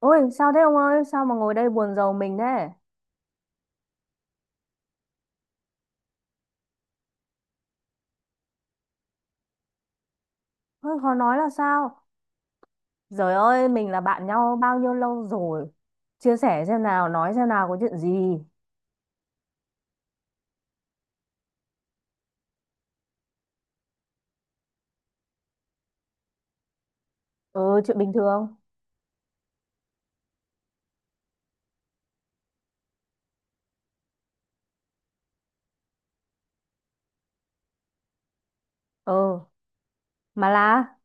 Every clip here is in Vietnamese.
Ôi sao thế ông ơi? Sao mà ngồi đây buồn rầu mình thế? Ôi, khó nói là sao? Trời ơi, mình là bạn nhau bao nhiêu lâu rồi. Chia sẻ xem nào, nói xem nào, có chuyện gì. Ừ, chuyện bình thường. Ừ, mà là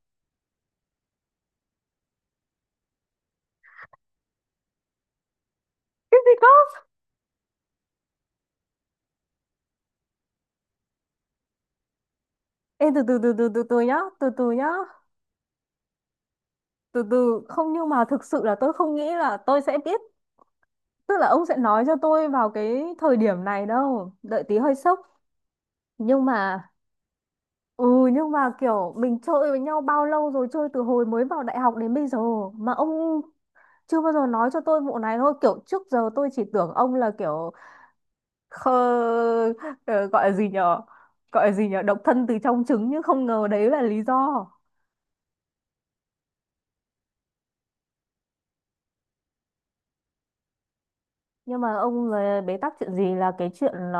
cái gì không? Ê, từ từ từ từ từ từ nhá. Từ từ nhá. Từ từ, không nhưng mà thực sự là tôi không nghĩ là tôi sẽ biết. Tức là ông sẽ nói cho tôi vào cái thời điểm này đâu. Đợi tí, hơi sốc. Nhưng mà ừ, nhưng mà kiểu mình chơi với nhau bao lâu rồi, chơi từ hồi mới vào đại học đến bây giờ mà ông chưa bao giờ nói cho tôi vụ này. Thôi, kiểu trước giờ tôi chỉ tưởng ông là kiểu khờ, ờ, gọi là gì nhở gọi là gì nhở, độc thân từ trong trứng, nhưng không ngờ đấy là lý do. Nhưng mà ông là bế tắc chuyện gì, là cái chuyện là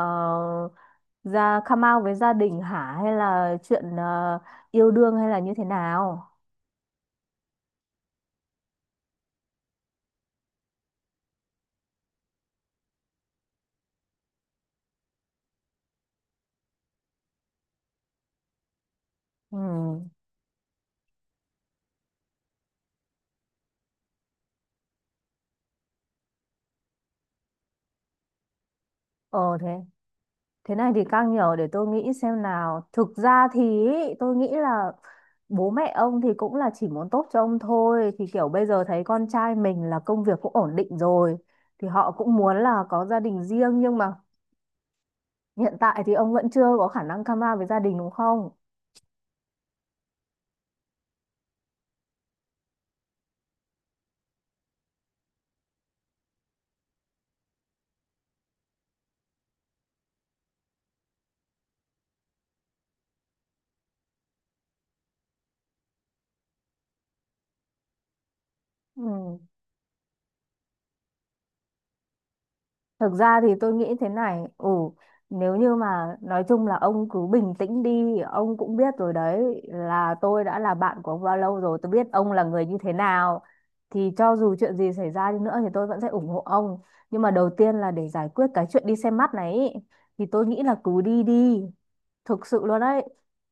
ra come out với gia đình hả, hay là chuyện yêu đương, hay là như thế nào? Ừ. ờ Thế, thế này thì càng nhiều để tôi nghĩ xem nào. Thực ra thì ý, tôi nghĩ là bố mẹ ông thì cũng là chỉ muốn tốt cho ông thôi. Thì kiểu bây giờ thấy con trai mình là công việc cũng ổn định rồi. Thì họ cũng muốn là có gia đình riêng, nhưng mà hiện tại thì ông vẫn chưa có khả năng come out với gia đình đúng không? Ừ. Thực ra thì tôi nghĩ thế này, ừ, nếu như mà nói chung là ông cứ bình tĩnh đi, ông cũng biết rồi đấy, là tôi đã là bạn của ông bao lâu rồi, tôi biết ông là người như thế nào. Thì cho dù chuyện gì xảy ra đi nữa thì tôi vẫn sẽ ủng hộ ông. Nhưng mà đầu tiên là để giải quyết cái chuyện đi xem mắt này ý, thì tôi nghĩ là cứ đi đi, thực sự luôn đấy.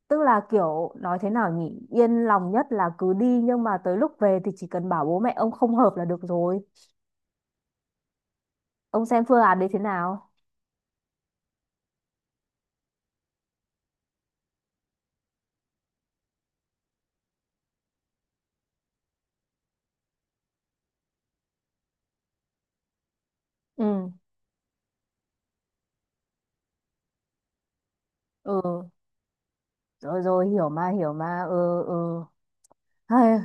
Tức là kiểu nói thế nào nhỉ, yên lòng nhất là cứ đi, nhưng mà tới lúc về thì chỉ cần bảo bố mẹ ông không hợp là được rồi. Ông xem phương án đấy thế nào? Ừ. Ừ, rồi rồi, hiểu mà, hiểu mà, ừ, ừ. Hay.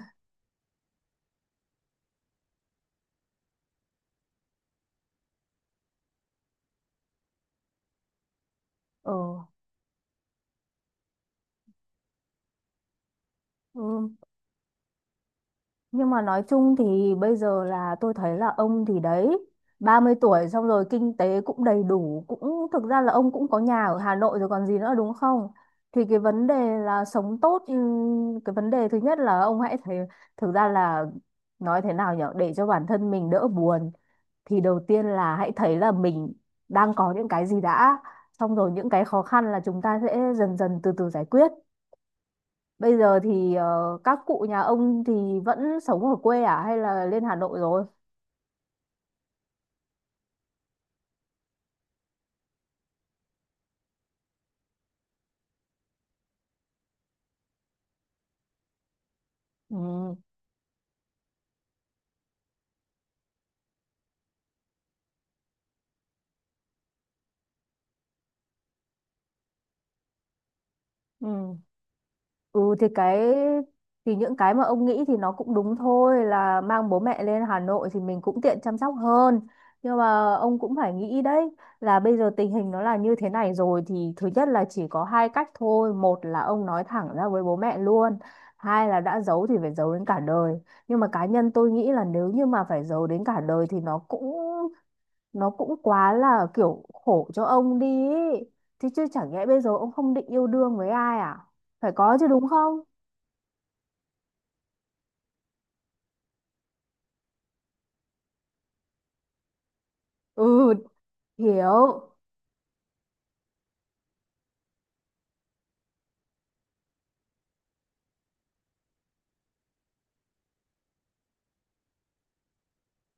Ừ, ừ. Nhưng mà nói chung thì bây giờ là tôi thấy là ông thì đấy, 30 tuổi, xong rồi kinh tế cũng đầy đủ, cũng thực ra là ông cũng có nhà ở Hà Nội rồi còn gì nữa, đúng không? Thì cái vấn đề là sống tốt. Cái vấn đề thứ nhất là ông hãy thấy, thực ra là nói thế nào nhở, để cho bản thân mình đỡ buồn, thì đầu tiên là hãy thấy là mình đang có những cái gì đã, xong rồi những cái khó khăn là chúng ta sẽ dần dần từ từ giải quyết. Bây giờ thì các cụ nhà ông thì vẫn sống ở quê à, hay là lên Hà Nội rồi? Ừ. Ừ. Ừ, thì cái, thì những cái mà ông nghĩ thì nó cũng đúng thôi, là mang bố mẹ lên Hà Nội thì mình cũng tiện chăm sóc hơn. Nhưng mà ông cũng phải nghĩ đấy, là bây giờ tình hình nó là như thế này rồi, thì thứ nhất là chỉ có hai cách thôi: một là ông nói thẳng ra với bố mẹ luôn, hai là đã giấu thì phải giấu đến cả đời. Nhưng mà cá nhân tôi nghĩ là nếu như mà phải giấu đến cả đời thì nó cũng, nó cũng quá là kiểu khổ cho ông đi ý. Thì chứ chẳng nhẽ bây giờ ông không định yêu đương với ai à? Phải có chứ, đúng không? Ừ. Hiểu.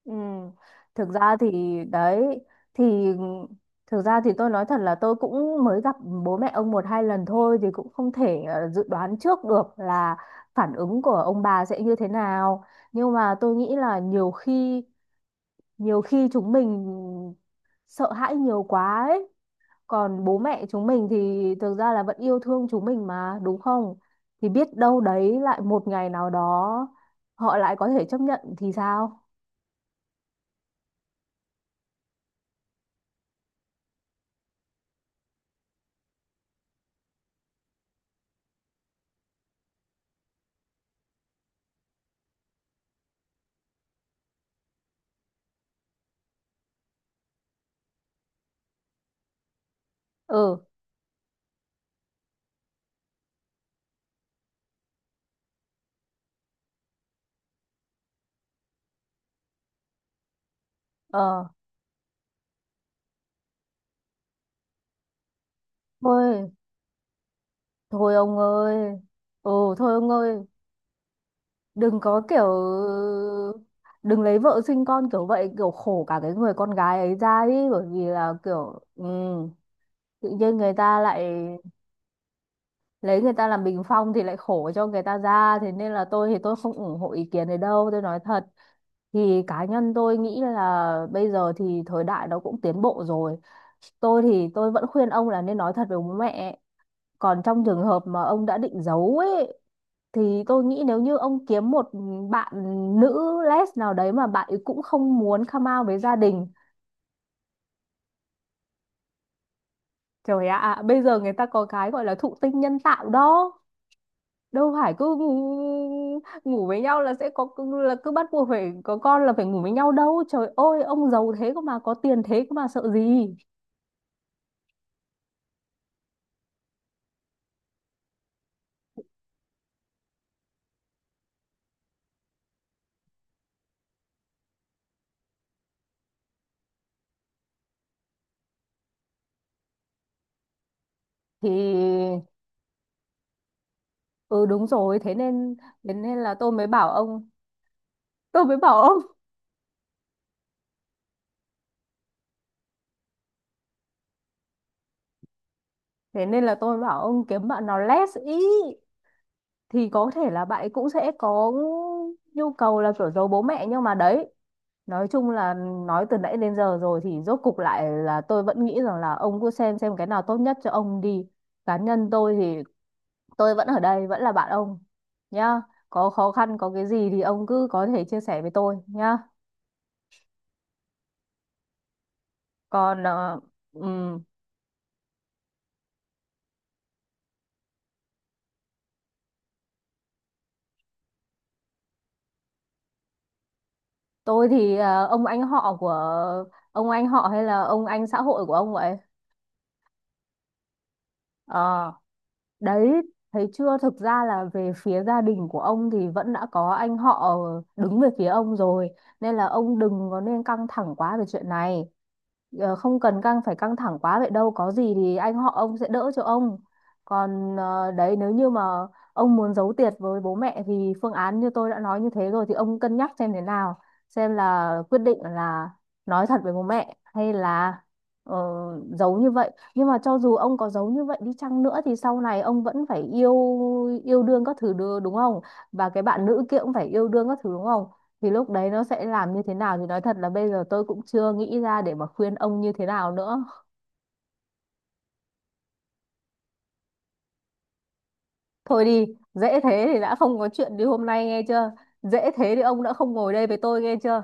Ừ. Thực ra thì đấy, thì thực ra thì tôi nói thật là tôi cũng mới gặp bố mẹ ông một hai lần thôi, thì cũng không thể dự đoán trước được là phản ứng của ông bà sẽ như thế nào. Nhưng mà tôi nghĩ là nhiều khi, nhiều khi chúng mình sợ hãi nhiều quá ấy, còn bố mẹ chúng mình thì thực ra là vẫn yêu thương chúng mình mà, đúng không? Thì biết đâu đấy, lại một ngày nào đó họ lại có thể chấp nhận thì sao. Ừ. ờ Thôi, thôi ông ơi. Ừ, thôi ông ơi, đừng có kiểu, đừng lấy vợ sinh con kiểu vậy, kiểu khổ cả cái người con gái ấy ra đi. Bởi vì là kiểu, ừ, tự nhiên người ta lại, lấy người ta làm bình phong thì lại khổ cho người ta ra. Thế nên là tôi thì tôi không ủng hộ ý kiến này đâu, tôi nói thật. Thì cá nhân tôi nghĩ là bây giờ thì thời đại nó cũng tiến bộ rồi, tôi thì tôi vẫn khuyên ông là nên nói thật với bố mẹ. Còn trong trường hợp mà ông đã định giấu ấy, thì tôi nghĩ nếu như ông kiếm một bạn nữ les nào đấy mà bạn ấy cũng không muốn come out với gia đình. Trời ạ, à, bây giờ người ta có cái gọi là thụ tinh nhân tạo đó, đâu phải cứ ngủ, với nhau là sẽ có, là cứ bắt buộc phải có con là phải ngủ với nhau đâu. Trời ơi, ông giàu thế cơ mà, có tiền thế cơ mà, sợ gì? Thì ừ, đúng rồi, thế nên, thế nên là tôi mới bảo ông, tôi mới bảo ông thế nên là tôi bảo ông kiếm bạn nào less ý, thì có thể là bạn ấy cũng sẽ có nhu cầu là kiểu giấu bố mẹ. Nhưng mà đấy, nói chung là, nói từ nãy đến giờ rồi, thì rốt cục lại là tôi vẫn nghĩ rằng là ông cứ xem cái nào tốt nhất cho ông đi. Cá nhân tôi thì tôi vẫn ở đây, vẫn là bạn ông nhá. Có khó khăn, có cái gì thì ông cứ có thể chia sẻ với tôi nhá. Còn ừm, tôi thì ông anh họ hay là ông anh xã hội của ông vậy? Ờ. Đấy, thấy chưa? Thực ra là về phía gia đình của ông thì vẫn đã có anh họ đứng về phía ông rồi. Nên là ông đừng có nên căng thẳng quá về chuyện này. Ờ, không cần căng, phải căng thẳng quá vậy đâu. Có gì thì anh họ ông sẽ đỡ cho ông. Còn ờ, đấy, nếu như mà ông muốn giấu tiệt với bố mẹ thì phương án như tôi đã nói như thế rồi, thì ông cân nhắc xem thế nào. Xem là quyết định là nói thật với bố mẹ hay là ờ, giấu như vậy. Nhưng mà cho dù ông có giấu như vậy đi chăng nữa thì sau này ông vẫn phải yêu yêu đương các thứ đúng không? Và cái bạn nữ kia cũng phải yêu đương các thứ đúng không? Thì lúc đấy nó sẽ làm như thế nào thì nói thật là bây giờ tôi cũng chưa nghĩ ra để mà khuyên ông như thế nào nữa. Thôi đi, dễ thế thì đã không có chuyện đi hôm nay nghe chưa? Dễ thế thì ông đã không ngồi đây với tôi nghe chưa?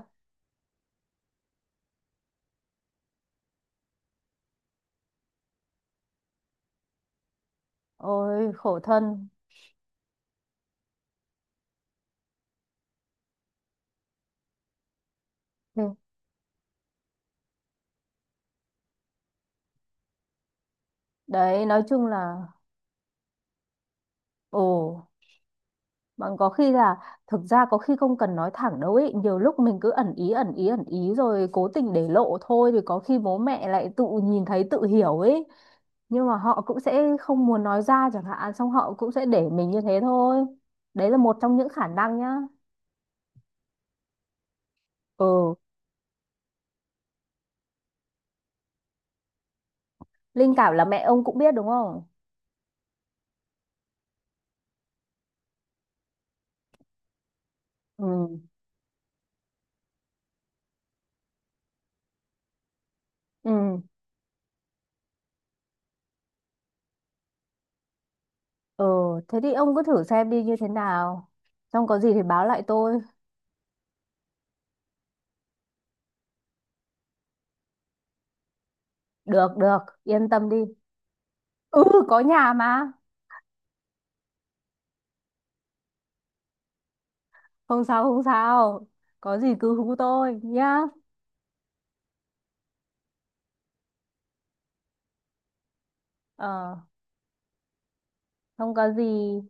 Ôi khổ thân. Thế- Đấy, nói chung là ồ, bọn có khi là, thực ra có khi không cần nói thẳng đâu ấy, nhiều lúc mình cứ ẩn ý ẩn ý ẩn ý rồi cố tình để lộ thôi, thì có khi bố mẹ lại tự nhìn thấy tự hiểu ấy. Nhưng mà họ cũng sẽ không muốn nói ra chẳng hạn, xong họ cũng sẽ để mình như thế thôi. Đấy là một trong những khả năng nhá. Ừ, linh cảm là mẹ ông cũng biết đúng không? Ừ, ừ, ừ, thế thì ông cứ thử xem đi như thế nào. Xong có gì thì báo lại tôi. Được, được, yên tâm đi. Ừ, có nhà mà. Không sao, không sao. Có gì cứ hú tôi nhá. Ờ, không có gì.